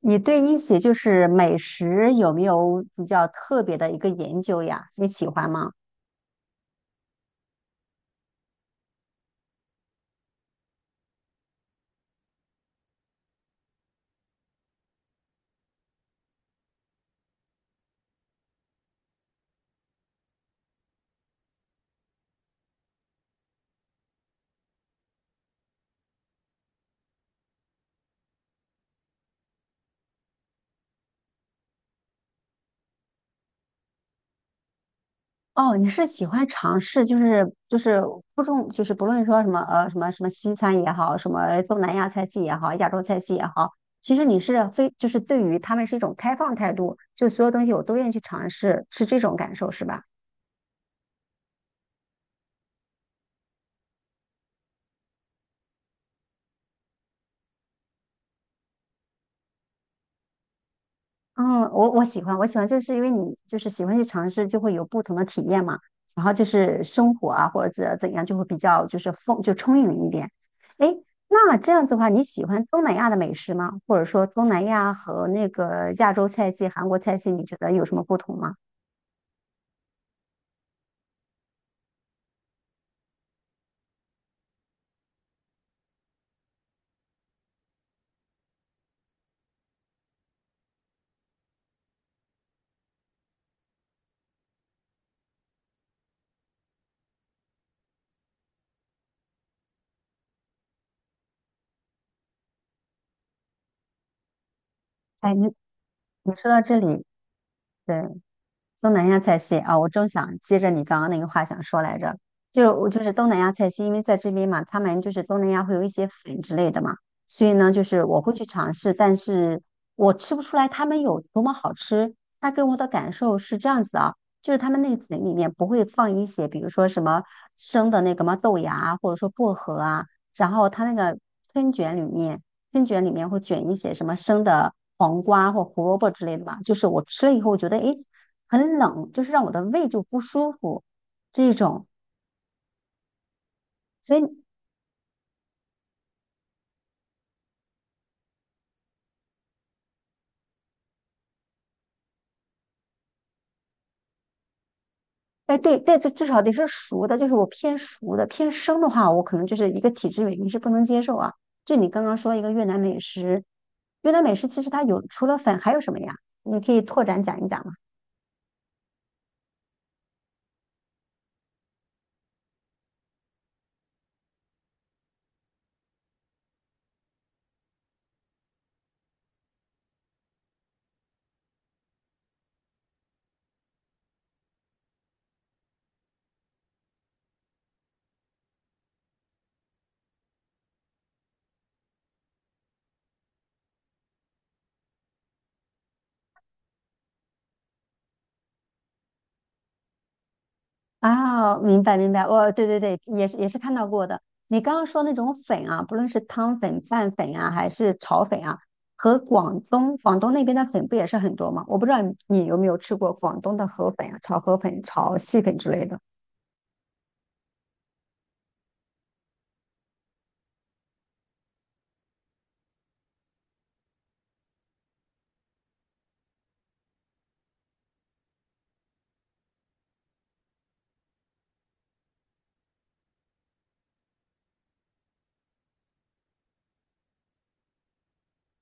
你对一些美食有没有比较特别的一个研究呀？你喜欢吗？哦，你是喜欢尝试，不重，就是不论说什么西餐也好，什么东南亚菜系也好，亚洲菜系也好，其实你是非就是对于他们是一种开放态度，就所有东西我都愿意去尝试，是这种感受是吧？嗯，我喜欢，我喜欢，就是因为你就是喜欢去尝试，就会有不同的体验嘛。然后就是生活啊，或者怎样，就会比较就是丰就充盈一点。诶，那这样子的话，你喜欢东南亚的美食吗？或者说东南亚和那个亚洲菜系、韩国菜系，你觉得有什么不同吗？哎，你说到这里，对。东南亚菜系啊，我正想接着你刚刚那个话想说来着，就是我就是东南亚菜系，因为在这边嘛，他们就是东南亚会有一些粉之类的嘛，所以呢，就是我会去尝试，但是我吃不出来他们有多么好吃。它给我的感受是这样子啊，就是他们那个粉里面不会放一些，比如说什么生的那个嘛豆芽啊，或者说薄荷啊，然后它那个春卷里面，春卷里面会卷一些什么生的黄瓜或胡萝卜之类的吧。就是我吃了以后，我觉得诶。很冷，就是让我的胃就不舒服这种。所以，哎，对对，这至少得是熟的，就是我偏熟的，偏生的话，我可能就是一个体质原因是不能接受啊。就你刚刚说一个越南美食，越南美食其实它有除了粉还有什么呀？你可以拓展讲一讲吗。啊，明白明白，我对对对，也是看到过的。你刚刚说那种粉啊，不论是汤粉、拌粉啊，还是炒粉啊，和广东那边的粉不也是很多吗？我不知道你有没有吃过广东的河粉啊，炒河粉、炒细粉之类的。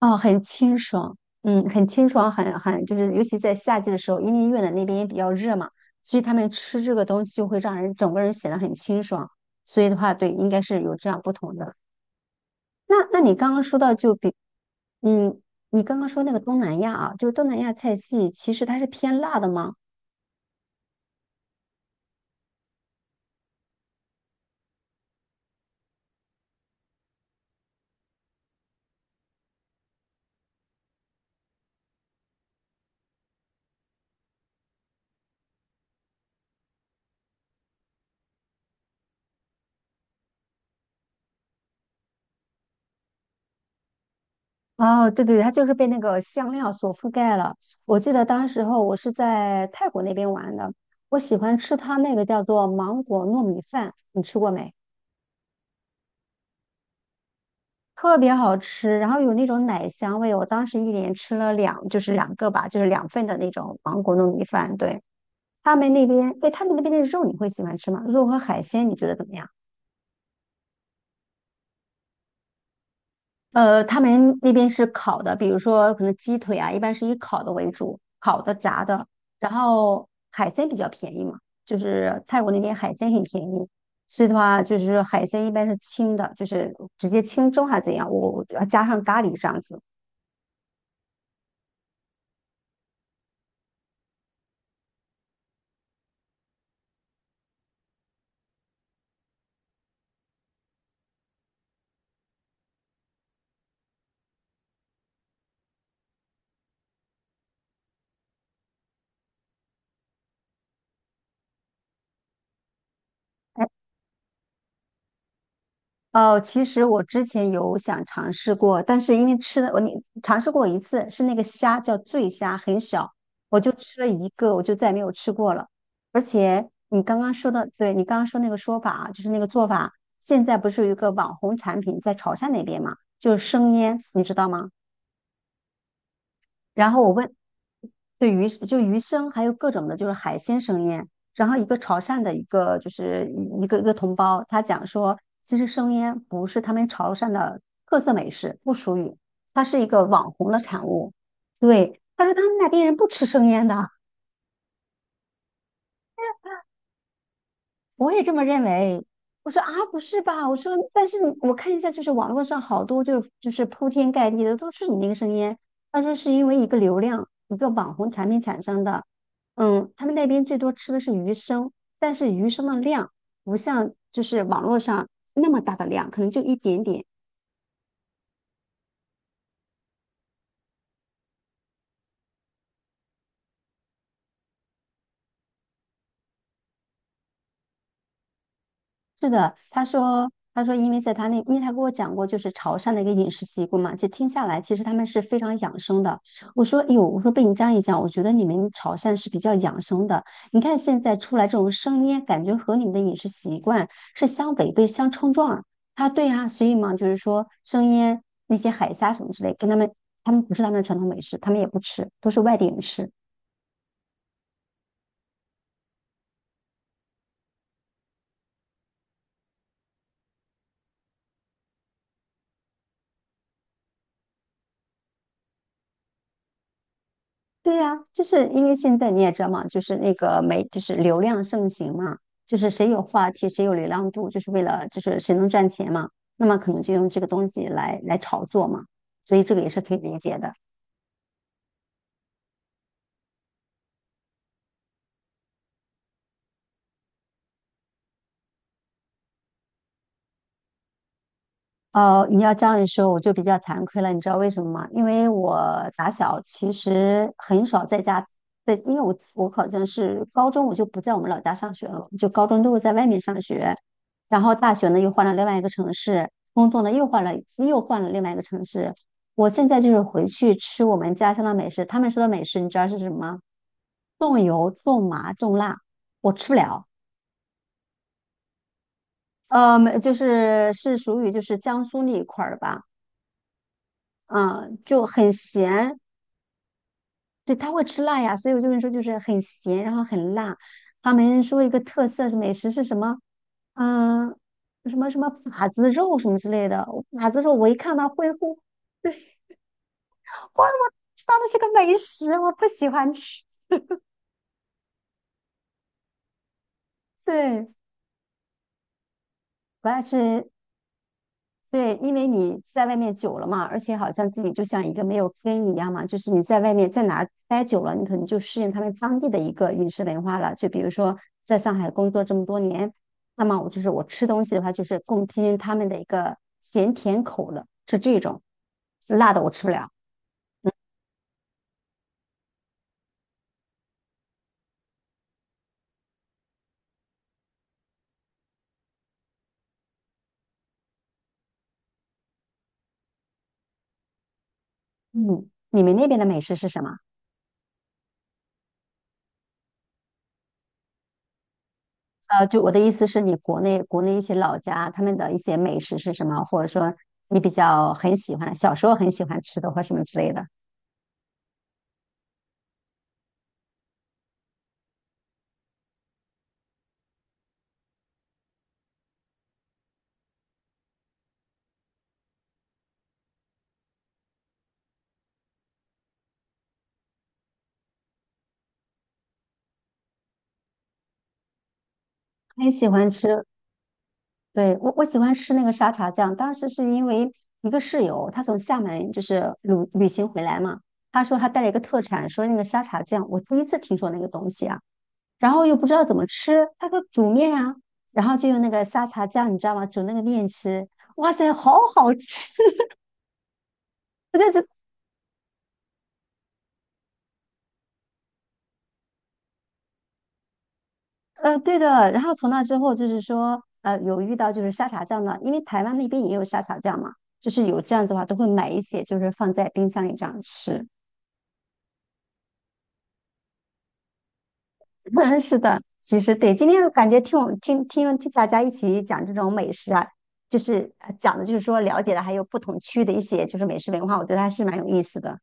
哦，很清爽，嗯，很清爽，很就是尤其在夏季的时候，因为越南那边也比较热嘛，所以他们吃这个东西就会让人整个人显得很清爽。所以的话，对，应该是有这样不同的。那你刚刚说到就比，嗯，你刚刚说那个东南亚啊，就是东南亚菜系，其实它是偏辣的吗？哦，对对对，它就是被那个香料所覆盖了。我记得当时候我是在泰国那边玩的，我喜欢吃它那个叫做芒果糯米饭，你吃过没？特别好吃，然后有那种奶香味。我当时一连吃了两，就是两个吧，就是两份的那种芒果糯米饭。对，他们那边，哎，他们那边的肉你会喜欢吃吗？肉和海鲜你觉得怎么样？呃，他们那边是烤的，比如说可能鸡腿啊，一般是以烤的为主，烤的、炸的，然后海鲜比较便宜嘛，就是泰国那边海鲜很便宜，所以的话就是海鲜一般是清的，就是直接清蒸还是怎样，我加上咖喱这样子。哦，其实我之前有想尝试过，但是因为吃的尝试过一次，是那个虾叫醉虾，很小，我就吃了一个，我就再也没有吃过了。而且你刚刚说的，对你刚刚说那个说法啊，就是那个做法，现在不是有一个网红产品在潮汕那边嘛，就是生腌，你知道吗？然后我问，鱼生，还有各种的，就是海鲜生腌。然后一个潮汕的一个同胞，他讲说，其实生腌不是他们潮汕的特色美食，不属于，它是一个网红的产物。对，他说他们那边人不吃生腌的，我也这么认为。我说啊，不是吧？我说，但是看一下，就是网络上好多铺天盖地的都是你那个声音。他说是因为一个流量，一个网红产品产生的。嗯，他们那边最多吃的是鱼生，但是鱼生的量不像就是网络上那么大的量，可能就一点点。是的，他说，他说，因为在他那，因为他跟我讲过，就是潮汕的一个饮食习惯嘛，就听下来，其实他们是非常养生的。我说，哎呦，我说被你这样一讲，我觉得你们潮汕是比较养生的。你看现在出来这种生腌，感觉和你们的饮食习惯是相违背、相冲撞儿他对啊，所以嘛，就是说生腌那些海虾什么之类，跟他们不是他们的传统美食，他们也不吃，都是外地人吃。对呀，就是因为现在你也知道嘛，就是那个媒，就是流量盛行嘛，就是谁有话题，谁有流量度，就是为了就是谁能赚钱嘛，那么可能就用这个东西来炒作嘛，所以这个也是可以理解的。呃，你要这样一说，我就比较惭愧了，你知道为什么吗？因为我打小其实很少在家，因为我好像是高中我就不在我们老家上学了，就高中都是在外面上学，然后大学呢又换了另外一个城市，工作呢又换了另外一个城市。我现在就是回去吃我们家乡的美食，他们说的美食你知道是什么吗？重油、重麻、重辣，我吃不了。呃，没就是是属于就是江苏那一块儿的吧。嗯，就很咸，对，他会吃辣呀，所以我就跟你说，就是很咸，然后很辣。他们说一个特色是美食是什么？嗯，什么什么把子肉什么之类的。把子肉我一看到会乎，哇，我知道那是个美食，我不喜欢吃，对，不爱吃，对，因为你在外面久了嘛，而且好像自己就像一个没有根一样嘛，就是你在外面在哪待久了，你可能就适应他们当地的一个饮食文化了。就比如说在上海工作这么多年，那么我就是我吃东西的话，就是更偏向他们的一个咸甜口了，是这种，辣的我吃不了。嗯，你们那边的美食是什么？呃，就我的意思是你国内一些老家他们的一些美食是什么，或者说你比较很喜欢，小时候很喜欢吃的或什么之类的。很喜欢吃，对，我喜欢吃那个沙茶酱，当时是因为一个室友，他从厦门就是旅行回来嘛，他说他带了一个特产，说那个沙茶酱，我第一次听说那个东西啊，然后又不知道怎么吃，他说煮面啊，然后就用那个沙茶酱，你知道吗？煮那个面吃，哇塞，好好吃！我在这，呃，对的。然后从那之后就是说，呃，有遇到就是沙茶酱的，因为台湾那边也有沙茶酱嘛，就是有这样子的话，都会买一些，就是放在冰箱里这样吃。嗯，是的，其实对，今天感觉听我听听听大家一起讲这种美食啊，讲的就是说了解了还有不同区的一些就是美食文化，我觉得还是蛮有意思的。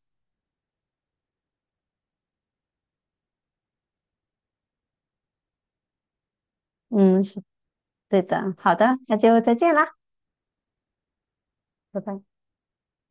嗯，是对的，好的，那就再见啦，拜拜。